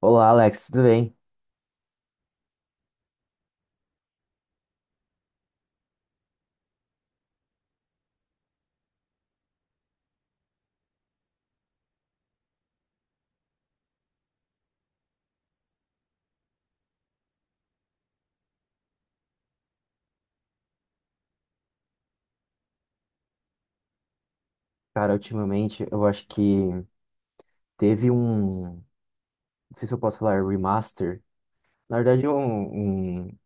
Olá, Alex, tudo bem? Cara, ultimamente eu acho que teve um. Não sei se eu posso falar remaster. Na verdade,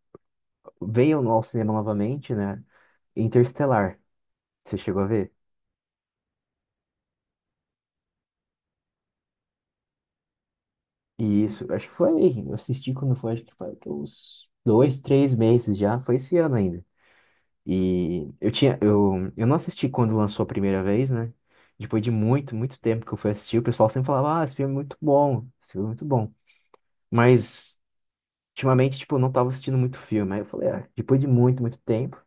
veio ao cinema novamente, né? Interestelar. Você chegou a ver? E isso, acho que foi. Eu assisti quando foi, acho que foi que uns dois, três meses já. Foi esse ano ainda. E eu tinha. Eu não assisti quando lançou a primeira vez, né? Depois de muito, muito tempo que eu fui assistir, o pessoal sempre falava: Ah, esse filme é muito bom. Esse filme é muito bom. Mas. Ultimamente, tipo, eu não tava assistindo muito filme. Aí eu falei, ah, depois de muito, muito tempo,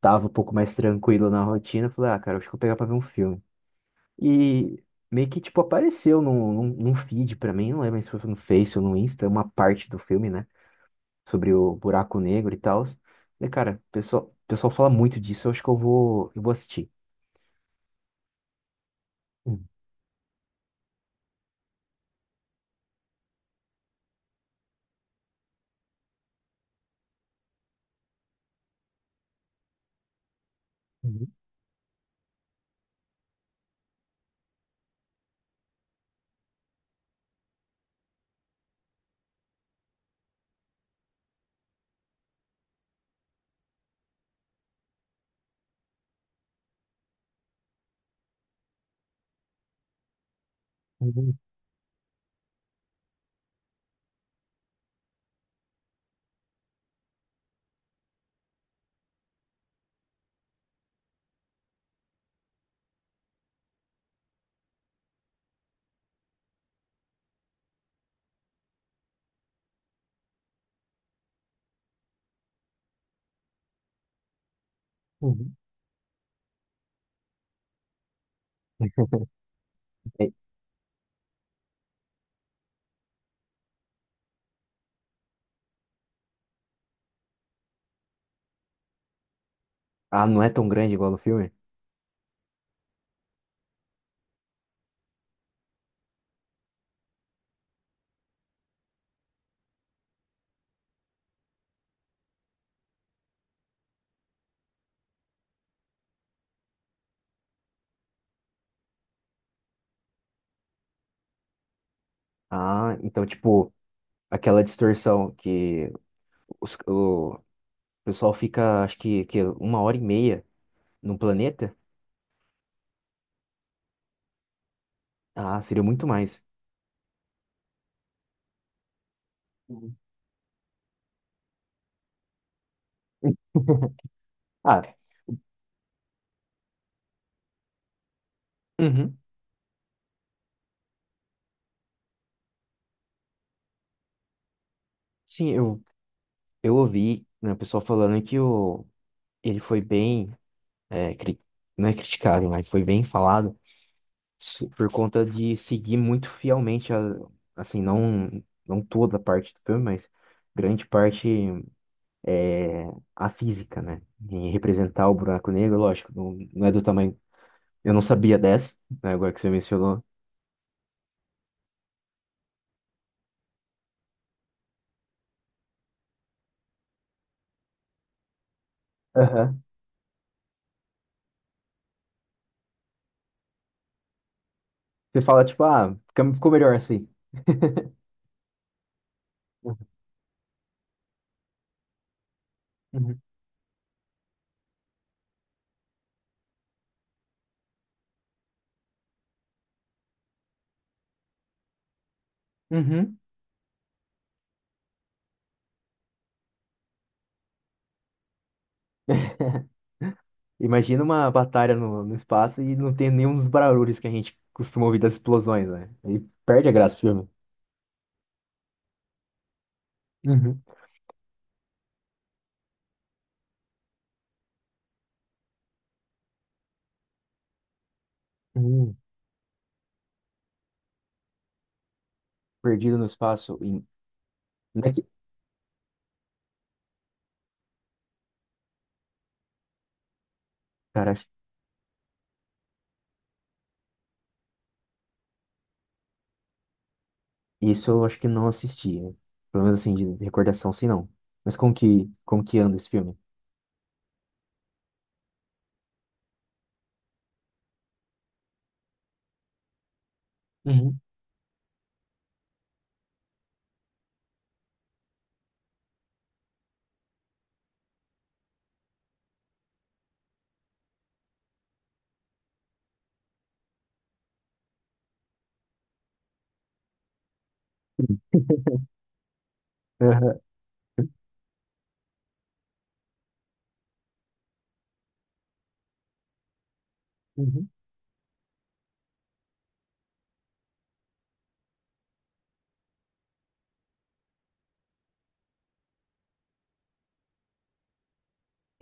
tava um pouco mais tranquilo na rotina. Eu falei, ah, cara, acho que eu vou pegar pra ver um filme. E meio que, tipo, apareceu num feed pra mim, não lembro se foi no Face ou no Insta, uma parte do filme, né? Sobre o buraco negro e tal. Falei, cara, o pessoal fala muito disso, eu acho que eu vou assistir. Uhum. Uhum, uhum. É. Ah, não é tão grande igual no filme? Ah, então, tipo, aquela distorção que os, o, o pessoal fica, acho que uma hora e meia num planeta. Ah, seria muito mais. Uhum. Ah, uhum. Sim, eu ouvi, né, o pessoal falando que o, ele foi bem, é, não é criticado, mas foi bem falado por conta de seguir muito fielmente, a, assim, não, não toda a parte do filme, mas grande parte é, a física, né? E representar o buraco negro, lógico, não, não é do tamanho, eu não sabia dessa, né, agora que você mencionou. Você fala, tipo, ah, ficou melhor assim. Uhum. Uhum. Imagina uma batalha no espaço e não tem nenhum dos barulhos que a gente costuma ouvir das explosões, né? Aí perde a graça do filme. Uhum. Uhum. Perdido no espaço. Não é que- Cara, acho- isso eu acho que não assisti. Né? Pelo menos assim, de recordação, sim, não. Mas como que anda esse filme? Uhum. Uhum. Uhum.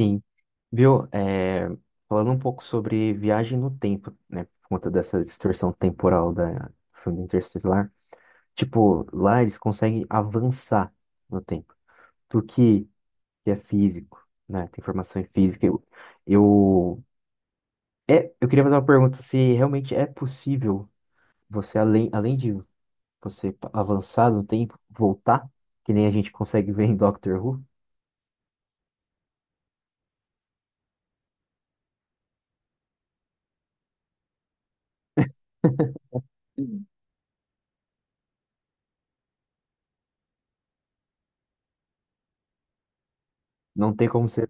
Sim. Viu? É, falando um pouco sobre viagem no tempo, né? Por conta dessa distorção temporal da do filme Interestelar. Tipo, lá eles conseguem avançar no tempo. Tu que é físico, né? Tem formação em física. Eu, é, eu queria fazer uma pergunta se realmente é possível você, além, além de você avançar no tempo, voltar, que nem a gente consegue ver em Doctor Who. Não tem como você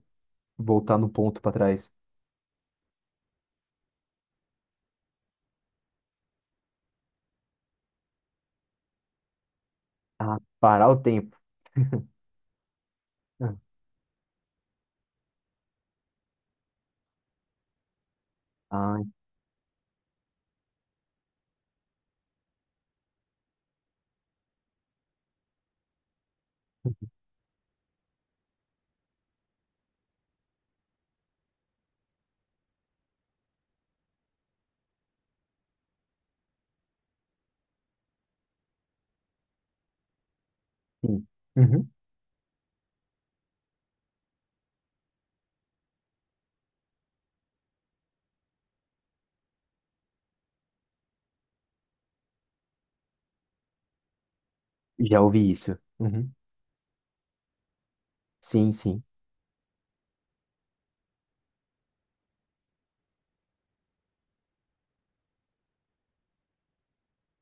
voltar no ponto para trás. Ah, parar o tempo. Ah, sim. Uhum. Já ouvi isso. Uhum. Sim, sim.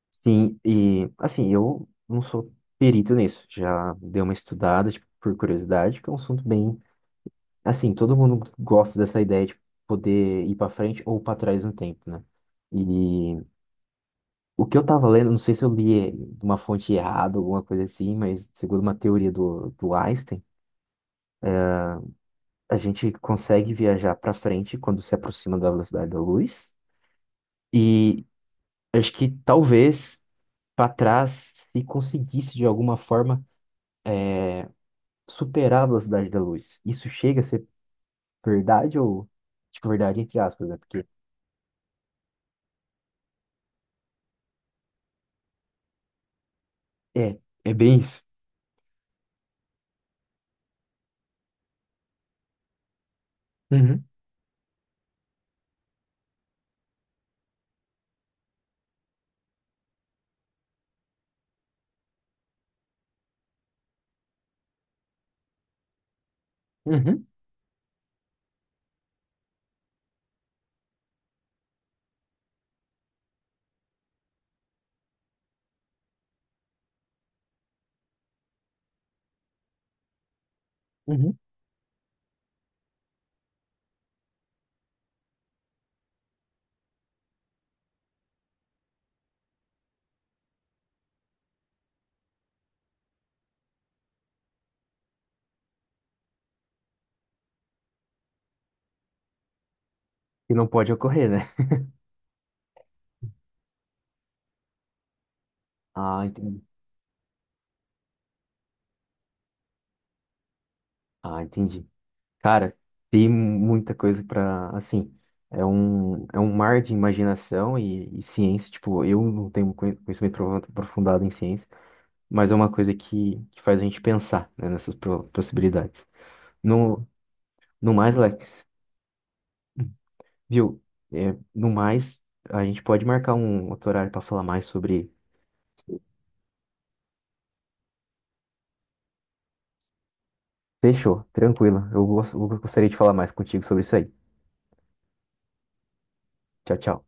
Sim, e assim, eu não sou perito nisso. Já dei uma estudada, tipo, por curiosidade, que é um assunto bem. Assim, todo mundo gosta dessa ideia de poder ir para frente ou para trás no tempo, né? E o que eu tava lendo, não sei se eu li de uma fonte errada, alguma coisa assim, mas segundo uma teoria do Einstein, a gente consegue viajar para frente quando se aproxima da velocidade da luz. E acho que talvez. Para trás se conseguisse de alguma forma superar a velocidade da luz. Isso chega a ser verdade ou tipo verdade entre aspas, né? Porque é, é bem isso. Uhum, uhum, uhum. E não pode ocorrer, né? Ah, entendi. Ah, entendi. Cara, tem muita coisa para assim, é um mar de imaginação e ciência, tipo, eu não tenho um conhecimento aprofundado em ciência, mas é uma coisa que faz a gente pensar, né, nessas possibilidades. No no mais, Alex. Viu? É, no mais, a gente pode marcar um outro horário para falar mais sobre. Fechou, tranquilo. Eu eu gostaria de falar mais contigo sobre isso aí. Tchau, tchau.